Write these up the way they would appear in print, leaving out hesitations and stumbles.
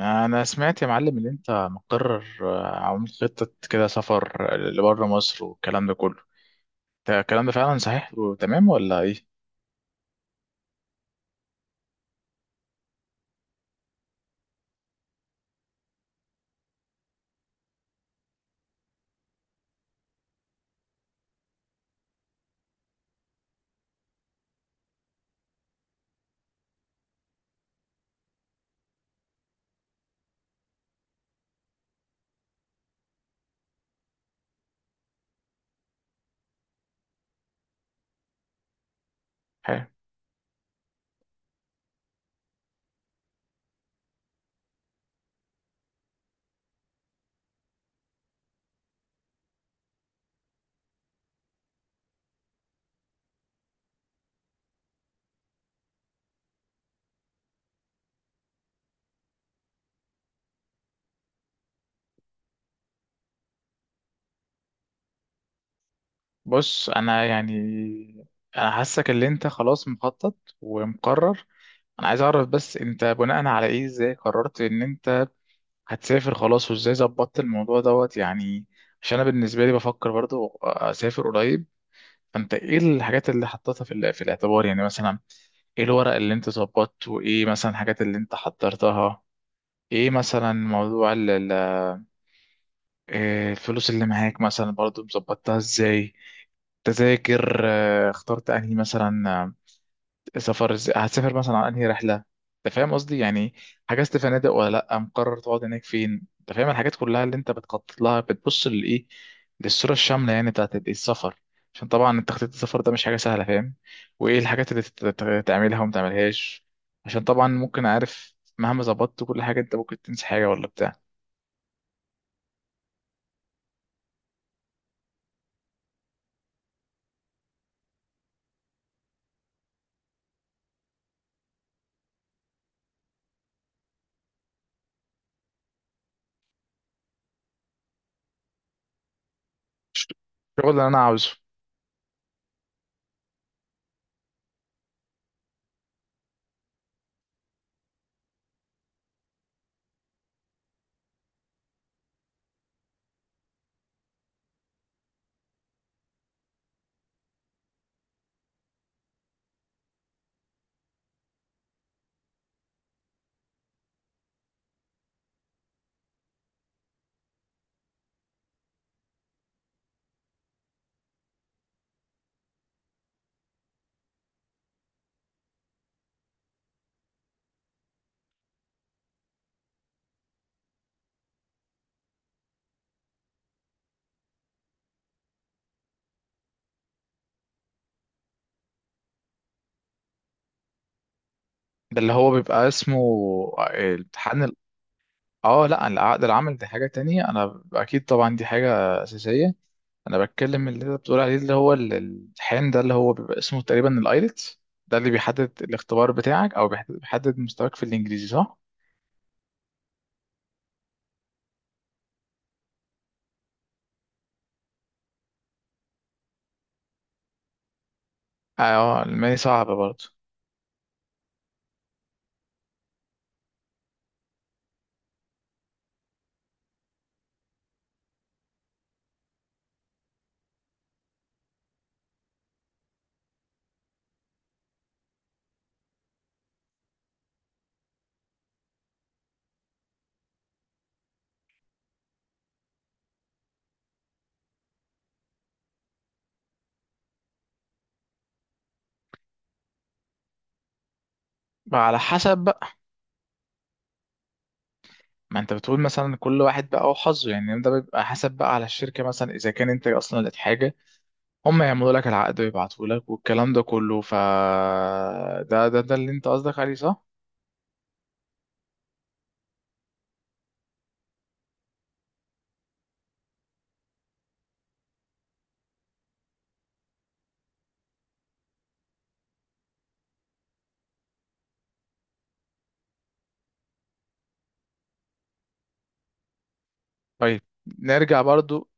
انا سمعت يا معلم ان انت مقرر عامل خطة كده سفر لبره مصر والكلام ده كله. الكلام ده فعلا صحيح وتمام ولا ايه؟ حلو. بص انا يعني، انا حاسك ان انت خلاص مخطط ومقرر. انا عايز اعرف بس انت بناء على ايه، ازاي قررت ان انت هتسافر خلاص، وازاي ظبطت الموضوع دوت يعني؟ عشان انا بالنسبة لي بفكر برضو اسافر قريب. فانت ايه الحاجات اللي حطيتها في الاعتبار؟ يعني مثلا ايه الورق اللي انت ظبطته، ايه مثلا الحاجات اللي انت حضرتها، ايه مثلا موضوع إيه الفلوس اللي معاك مثلا، برضو مظبطتها ازاي، تذاكر اخترت انهي مثلا سفر، هتسافر مثلا على انهي رحله. انت فاهم قصدي يعني؟ حجزت فنادق ولا لا، مقرر تقعد هناك فين؟ انت فاهم الحاجات كلها اللي انت بتخطط لها، بتبص للايه، للصوره الشامله يعني بتاعت الإيه؟ السفر. عشان طبعا تخطيط السفر ده مش حاجه سهله، فاهم؟ وايه الحاجات اللي تعملها وما تعملهاش. عشان طبعا ممكن، عارف، مهما ظبطت كل حاجه انت ممكن تنسى حاجه ولا بتاع. الشغل اللي انا عاوزه. ده اللي هو بيبقى اسمه امتحان اه لا، العقد العمل دي حاجه تانية، انا اكيد طبعا دي حاجه اساسيه. انا بتكلم اللي انت بتقول عليه، اللي هو الحين ده اللي هو بيبقى اسمه تقريبا الايلتس. ده اللي بيحدد الاختبار بتاعك، او بيحدد مستواك في الانجليزي، صح؟ اه الالماني صعب برضه. بقى على حسب بقى. ما انت بتقول مثلا كل واحد بقى وحظه، يعني ده بيبقى حسب بقى على الشركه، مثلا اذا كان انت اصلا لقيت حاجه هم يعملوا لك العقد ويبعتوا لك والكلام ده كله. ف ده اللي انت قصدك عليه، صح؟ طيب، نرجع برضو.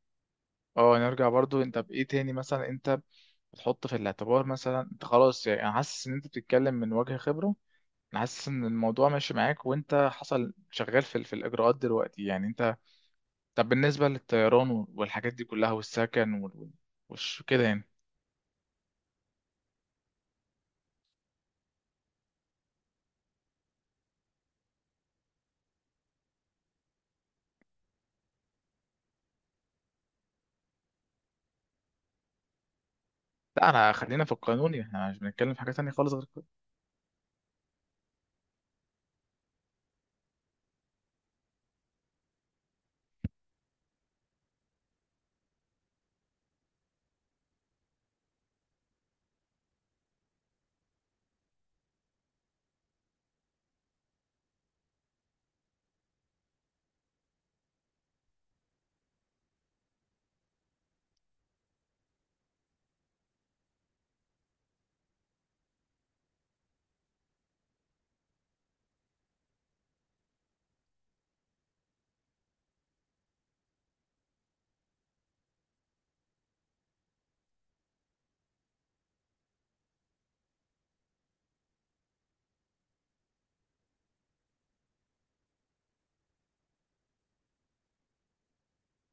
اه نرجع برضو، انت بايه تاني مثلا، انت بتحط في الاعتبار مثلا؟ انت خلاص يعني، انا حاسس ان انت بتتكلم من وجه خبره، انا حاسس ان الموضوع ماشي معاك، وانت حصل شغال في الاجراءات دلوقتي يعني انت. طب بالنسبه للطيران والحاجات دي كلها، والسكن وش كده يعني. لا انا خلينا في القانون، يعني احنا مش بنتكلم في حاجه تانية خالص غير كده.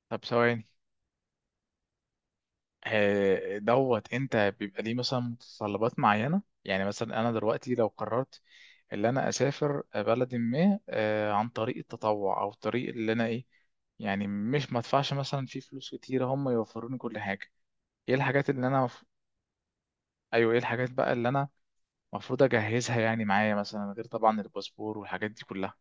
طب ثواني، دوت انت بيبقى ليه مثلا متطلبات معينة؟ يعني مثلا انا دلوقتي لو قررت ان انا اسافر بلد ما عن طريق التطوع او طريق اللي انا ايه، يعني مش مدفعش مثلا فيه فلوس كتيرة، هم يوفروني كل حاجة. ايه الحاجات اللي انا ايوه ايه الحاجات بقى اللي انا المفروض اجهزها يعني معايا، مثلا غير طبعا الباسبور والحاجات دي كلها؟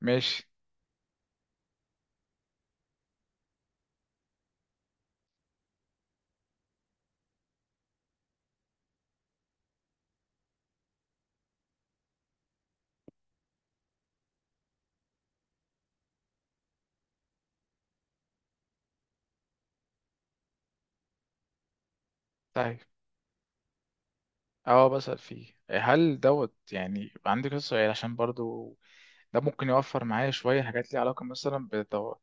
ماشي. طيب اه، بسأل فيه. هل دوت يعني، عندي كذا سؤال عشان برضو ده ممكن يوفر معايا شوية حاجات ليها علاقة مثلا بالتو...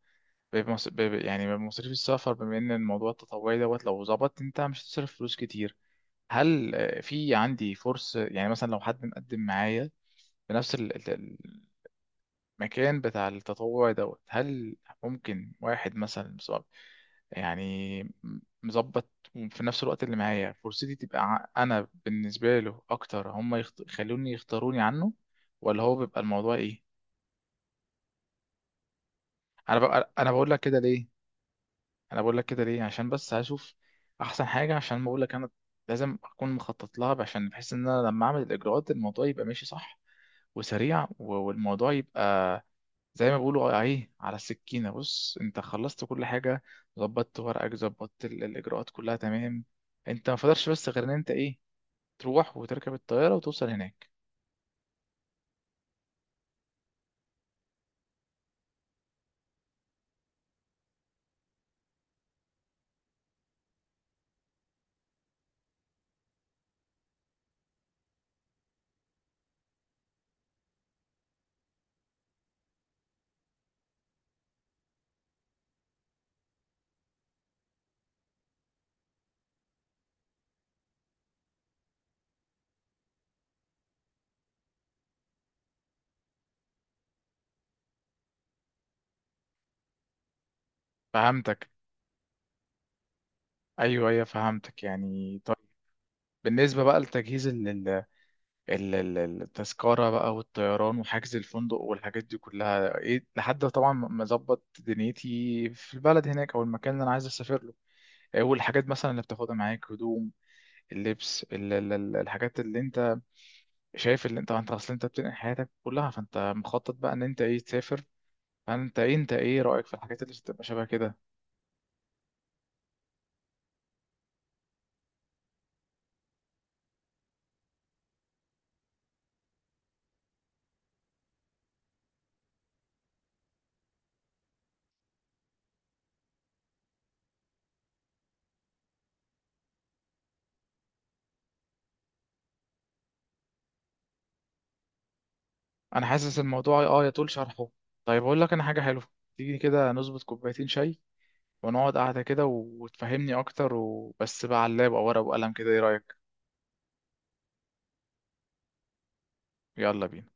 بمص... ب... ب- يعني بمصاريف السفر. بما إن الموضوع التطوعي دوت لو ظبط أنت مش هتصرف فلوس كتير، هل في عندي فرصة يعني، مثلا لو حد مقدم معايا بنفس المكان بتاع التطوع دوت، هل ممكن واحد مثلا مظبط، يعني مظبط في نفس الوقت اللي معايا، فرصتي تبقى أنا بالنسبة له أكتر، هم يخلوني يختاروني عنه، ولا هو بيبقى الموضوع إيه؟ انا ببقى، انا بقول لك كده ليه انا بقول لك كده ليه عشان بس هشوف احسن حاجه. عشان ما اقول لك، انا لازم اكون مخطط لها، عشان بحس ان انا لما اعمل الاجراءات الموضوع يبقى ماشي صح وسريع، والموضوع يبقى زي ما بيقولوا ايه، على السكينه. بص انت خلصت كل حاجه، ظبطت ورقك، ظبطت الاجراءات كلها تمام، انت ما فضلش بس غير ان انت ايه، تروح وتركب الطياره وتوصل هناك. فهمتك، ايوه ايوه فهمتك يعني. طيب بالنسبه بقى لتجهيز التذكرة بقى، والطيران وحجز الفندق والحاجات دي كلها ايه، لحد طبعا ما اظبط دنيتي في البلد هناك او المكان اللي انا عايز اسافر له. إيه والحاجات مثلا اللي بتاخدها معاك، هدوم، اللبس، الحاجات اللي انت شايف، اللي انت، انت اصلا انت بتنقل حياتك كلها، فانت مخطط بقى ان انت ايه تسافر. فانت ايه، انت ايه رأيك في الحاجات اللي بتبقى شبه كده؟ انا حاسس الموضوع اه يطول شرحه. طيب اقول لك انا حاجة حلوة، تيجي كده نظبط كوبايتين شاي ونقعد قعدة كده، وتفهمني أكتر، وبس بقى على اللاب أو ورقة وقلم كده، إيه رأيك؟ يلا بينا.